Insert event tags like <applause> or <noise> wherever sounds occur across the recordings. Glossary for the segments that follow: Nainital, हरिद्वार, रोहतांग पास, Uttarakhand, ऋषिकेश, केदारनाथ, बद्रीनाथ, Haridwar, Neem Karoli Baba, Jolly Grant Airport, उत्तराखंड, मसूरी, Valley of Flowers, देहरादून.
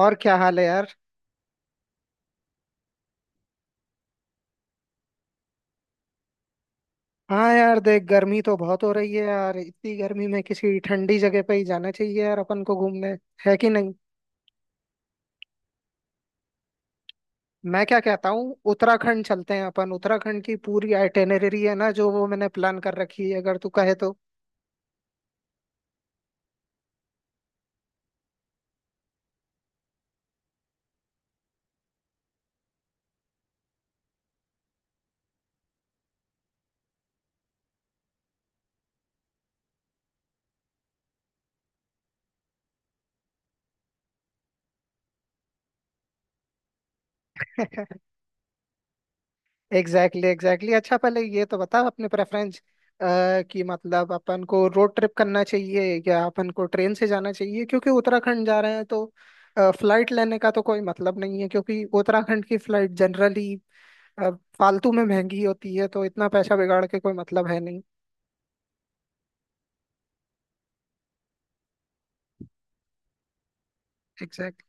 और क्या हाल है यार। हाँ यार, देख गर्मी तो बहुत हो रही है यार। इतनी गर्मी में किसी ठंडी जगह पे ही जाना चाहिए यार अपन को घूमने। है कि नहीं? मैं क्या कहता हूँ, उत्तराखंड चलते हैं अपन। उत्तराखंड की पूरी आइटिनरी है ना जो, वो मैंने प्लान कर रखी है, अगर तू कहे तो। <laughs> Exactly exactly exactly. exactly. अच्छा, पहले ये तो बता अपने प्रेफरेंस कि मतलब अपन को रोड ट्रिप करना चाहिए या अपन को ट्रेन से जाना चाहिए, क्योंकि उत्तराखंड जा रहे हैं तो फ्लाइट लेने का तो कोई मतलब नहीं है। क्योंकि उत्तराखंड की फ्लाइट जनरली अब फालतू में महंगी होती है, तो इतना पैसा बिगाड़ के कोई मतलब है नहीं। एग्जैक्ट।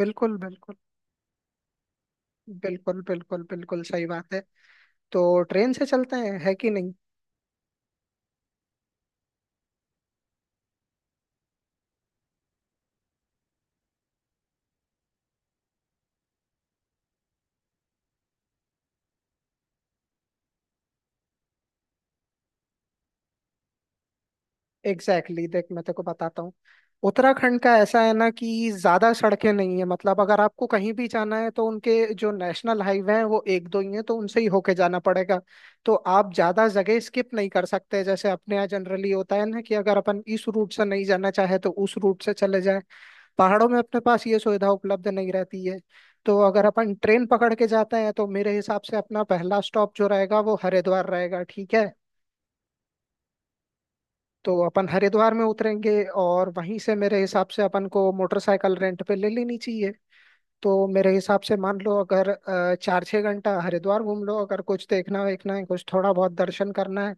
बिल्कुल बिल्कुल बिल्कुल बिल्कुल बिल्कुल सही बात है। तो ट्रेन से चलते हैं, है कि नहीं? एग्जैक्टली exactly, देख मैं तेको बताता हूँ। उत्तराखंड का ऐसा है ना कि ज्यादा सड़कें नहीं है। मतलब अगर आपको कहीं भी जाना है तो उनके जो नेशनल हाईवे हैं वो एक दो ही हैं, तो उनसे ही होके जाना पड़ेगा। तो आप ज्यादा जगह स्किप नहीं कर सकते, जैसे अपने यहाँ जनरली होता है ना कि अगर अपन इस रूट से नहीं जाना चाहे तो उस रूट से चले जाए। पहाड़ों में अपने पास ये सुविधा उपलब्ध नहीं रहती है। तो अगर अपन ट्रेन पकड़ के जाते हैं तो मेरे हिसाब से अपना पहला स्टॉप जो रहेगा वो हरिद्वार रहेगा, ठीक है? तो अपन हरिद्वार में उतरेंगे और वहीं से मेरे हिसाब से अपन को मोटरसाइकिल रेंट पे ले लेनी चाहिए। तो मेरे हिसाब से मान लो, अगर 4-6 घंटा हरिद्वार घूम लो, अगर कुछ देखना वेखना है, कुछ थोड़ा बहुत दर्शन करना है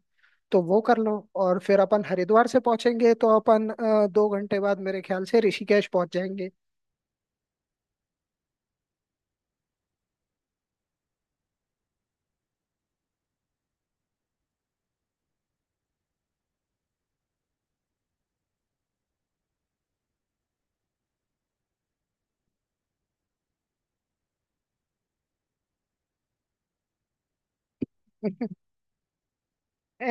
तो वो कर लो। और फिर अपन हरिद्वार से पहुंचेंगे तो अपन 2 घंटे बाद मेरे ख्याल से ऋषिकेश पहुंच जाएंगे। <laughs>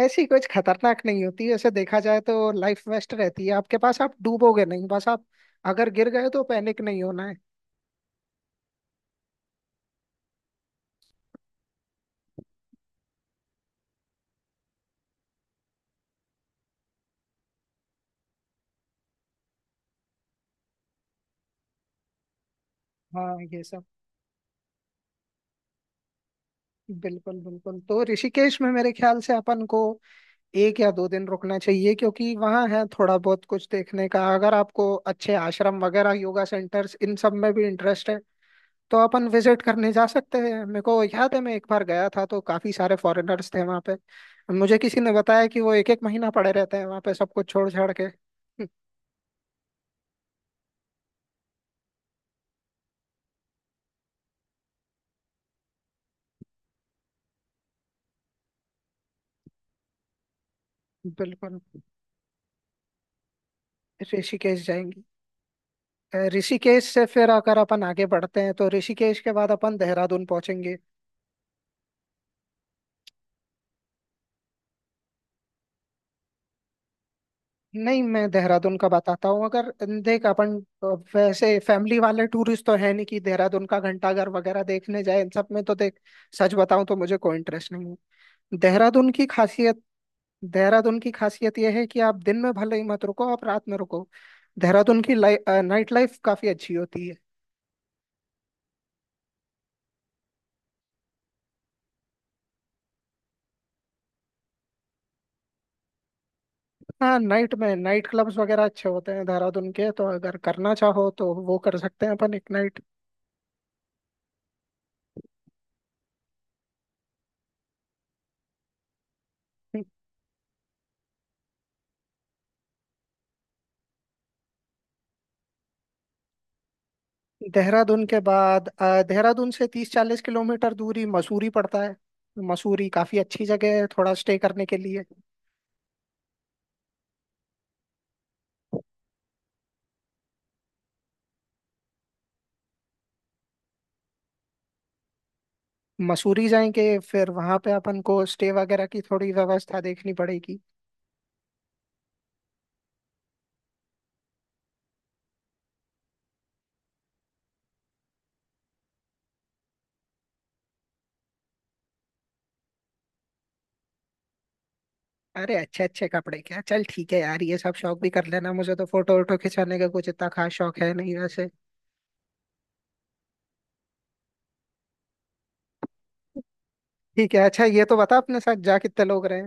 ऐसी कुछ खतरनाक नहीं होती। ऐसे देखा जाए तो लाइफ वेस्ट रहती है आपके पास, आप डूबोगे नहीं, बस आप अगर गिर गए तो पैनिक नहीं होना है। हाँ ये सब बिल्कुल बिल्कुल। तो ऋषिकेश में मेरे ख्याल से अपन को 1 या 2 दिन रुकना चाहिए, क्योंकि वहाँ है थोड़ा बहुत कुछ देखने का। अगर आपको अच्छे आश्रम वगैरह योगा सेंटर्स इन सब में भी इंटरेस्ट है तो अपन विजिट करने जा सकते हैं। मेरे को याद है, मैं एक बार गया था तो काफी सारे फॉरेनर्स थे वहाँ पे। मुझे किसी ने बताया कि वो एक एक महीना पड़े रहते हैं वहाँ पे, सब कुछ छोड़ छाड़ के। बिल्कुल, ऋषिकेश जाएंगे। ऋषिकेश से फिर अगर अपन आगे बढ़ते हैं तो ऋषिकेश के बाद अपन देहरादून पहुंचेंगे। नहीं, मैं देहरादून का बताता हूँ। अगर देख अपन, अ, वैसे फैमिली वाले टूरिस्ट तो है नहीं कि देहरादून का घंटाघर वगैरह देखने जाए, इन सब में तो देख सच बताऊं तो मुझे कोई इंटरेस्ट नहीं है। देहरादून की खासियत, देहरादून की खासियत यह है कि आप दिन में भले ही मत रुको, आप रात में रुको। देहरादून की नाइट लाइफ काफी अच्छी होती है। हाँ, नाइट में नाइट क्लब्स वगैरह अच्छे होते हैं देहरादून के, तो अगर करना चाहो तो वो कर सकते हैं अपन एक नाइट। देहरादून के बाद, देहरादून से 30-40 किलोमीटर दूरी मसूरी पड़ता है। मसूरी काफी अच्छी जगह है थोड़ा स्टे करने के लिए। मसूरी जाएंगे, फिर वहां पे अपन को स्टे वगैरह की थोड़ी व्यवस्था देखनी पड़ेगी। अरे अच्छे अच्छे कपड़े क्या, चल ठीक है यार ये सब शौक भी कर लेना। मुझे तो फोटो वोटो खिंचाने का कुछ इतना खास शौक है नहीं वैसे। ठीक है, अच्छा ये तो बता अपने साथ जा कितने लोग रहे।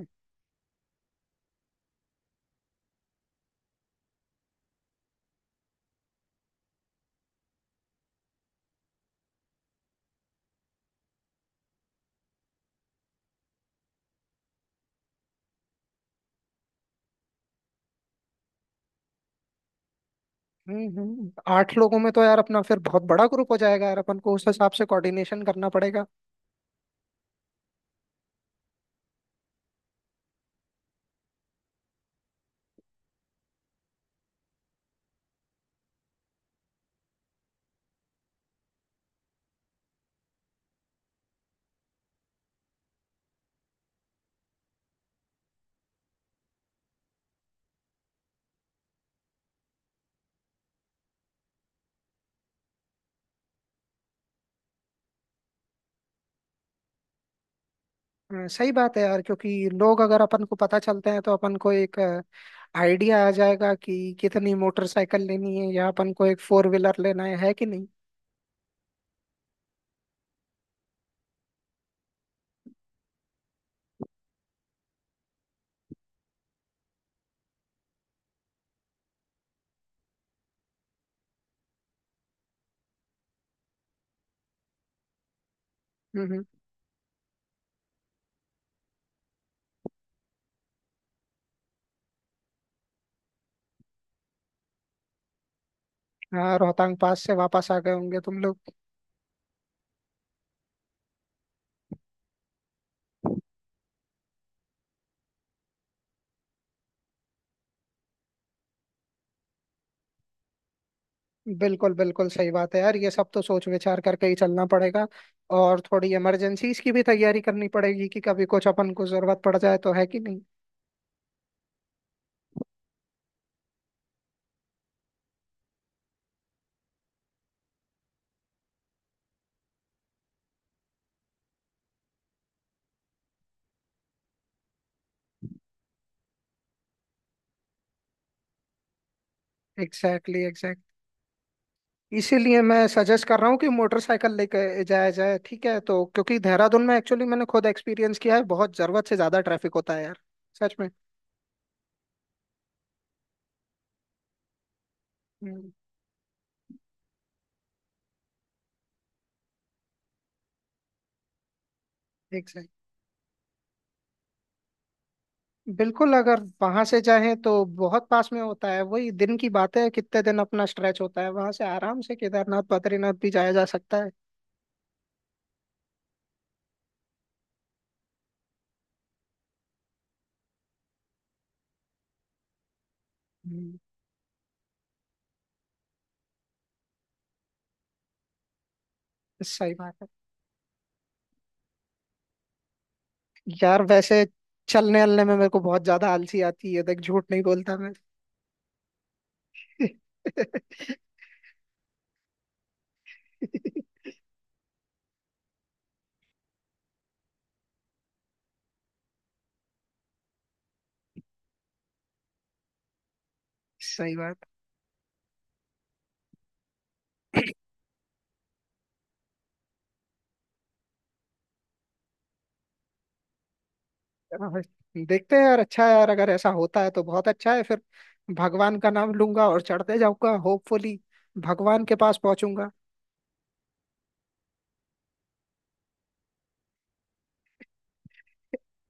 8 लोगों में तो यार अपना फिर बहुत बड़ा ग्रुप हो जाएगा यार, अपन को उस हिसाब से कोऑर्डिनेशन करना पड़ेगा। सही बात है यार, क्योंकि लोग अगर अपन को पता चलते हैं तो अपन को एक आइडिया आ जाएगा कि कितनी मोटरसाइकिल लेनी है या अपन को एक फोर व्हीलर लेना है कि नहीं? हम्म हम्म। हाँ, रोहतांग पास से वापस आ गए होंगे तुम लोग। बिल्कुल बिल्कुल, सही बात है यार, ये सब तो सोच विचार करके ही चलना पड़ेगा। और थोड़ी इमरजेंसीज की भी तैयारी करनी पड़ेगी कि कभी कुछ अपन को जरूरत पड़ जाए तो, है कि नहीं? एग्जैक्टली exactly, इसीलिए मैं सजेस्ट कर रहा हूँ कि मोटरसाइकिल लेके जाया जाए, ठीक है? तो क्योंकि देहरादून में एक्चुअली मैंने खुद एक्सपीरियंस किया है, बहुत जरूरत से ज्यादा ट्रैफिक होता है यार। सच में। हम्म, एक सही। बिल्कुल, अगर वहां से जाएं तो बहुत पास में होता है। वही दिन की बात है कितने दिन अपना स्ट्रेच होता है, वहां से आराम से केदारनाथ बद्रीनाथ भी जाया जा सकता है। हम्म, सही बात है यार। वैसे चलने अलने में मेरे को बहुत ज्यादा आलसी आती है, देख झूठ नहीं बोलता मैं। <laughs> सही बात। हाँ, हाँ, देखते हैं यार। अच्छा है यार, अगर ऐसा होता है तो बहुत अच्छा है फिर। भगवान का नाम लूंगा और चढ़ते जाऊंगा, होपफुली भगवान के पास पहुंचूंगा।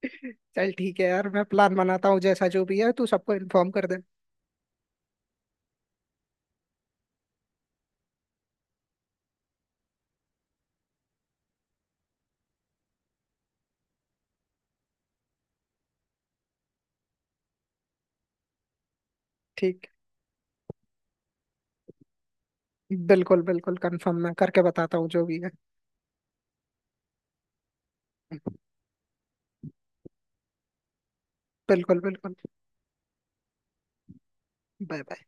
<laughs> चल ठीक है यार, मैं प्लान बनाता हूँ, जैसा जो भी है तू सबको इन्फॉर्म कर दे। ठीक। बिल्कुल बिल्कुल, कंफर्म मैं करके बताता हूँ जो भी है। बिल्कुल बिल्कुल। Bye bye.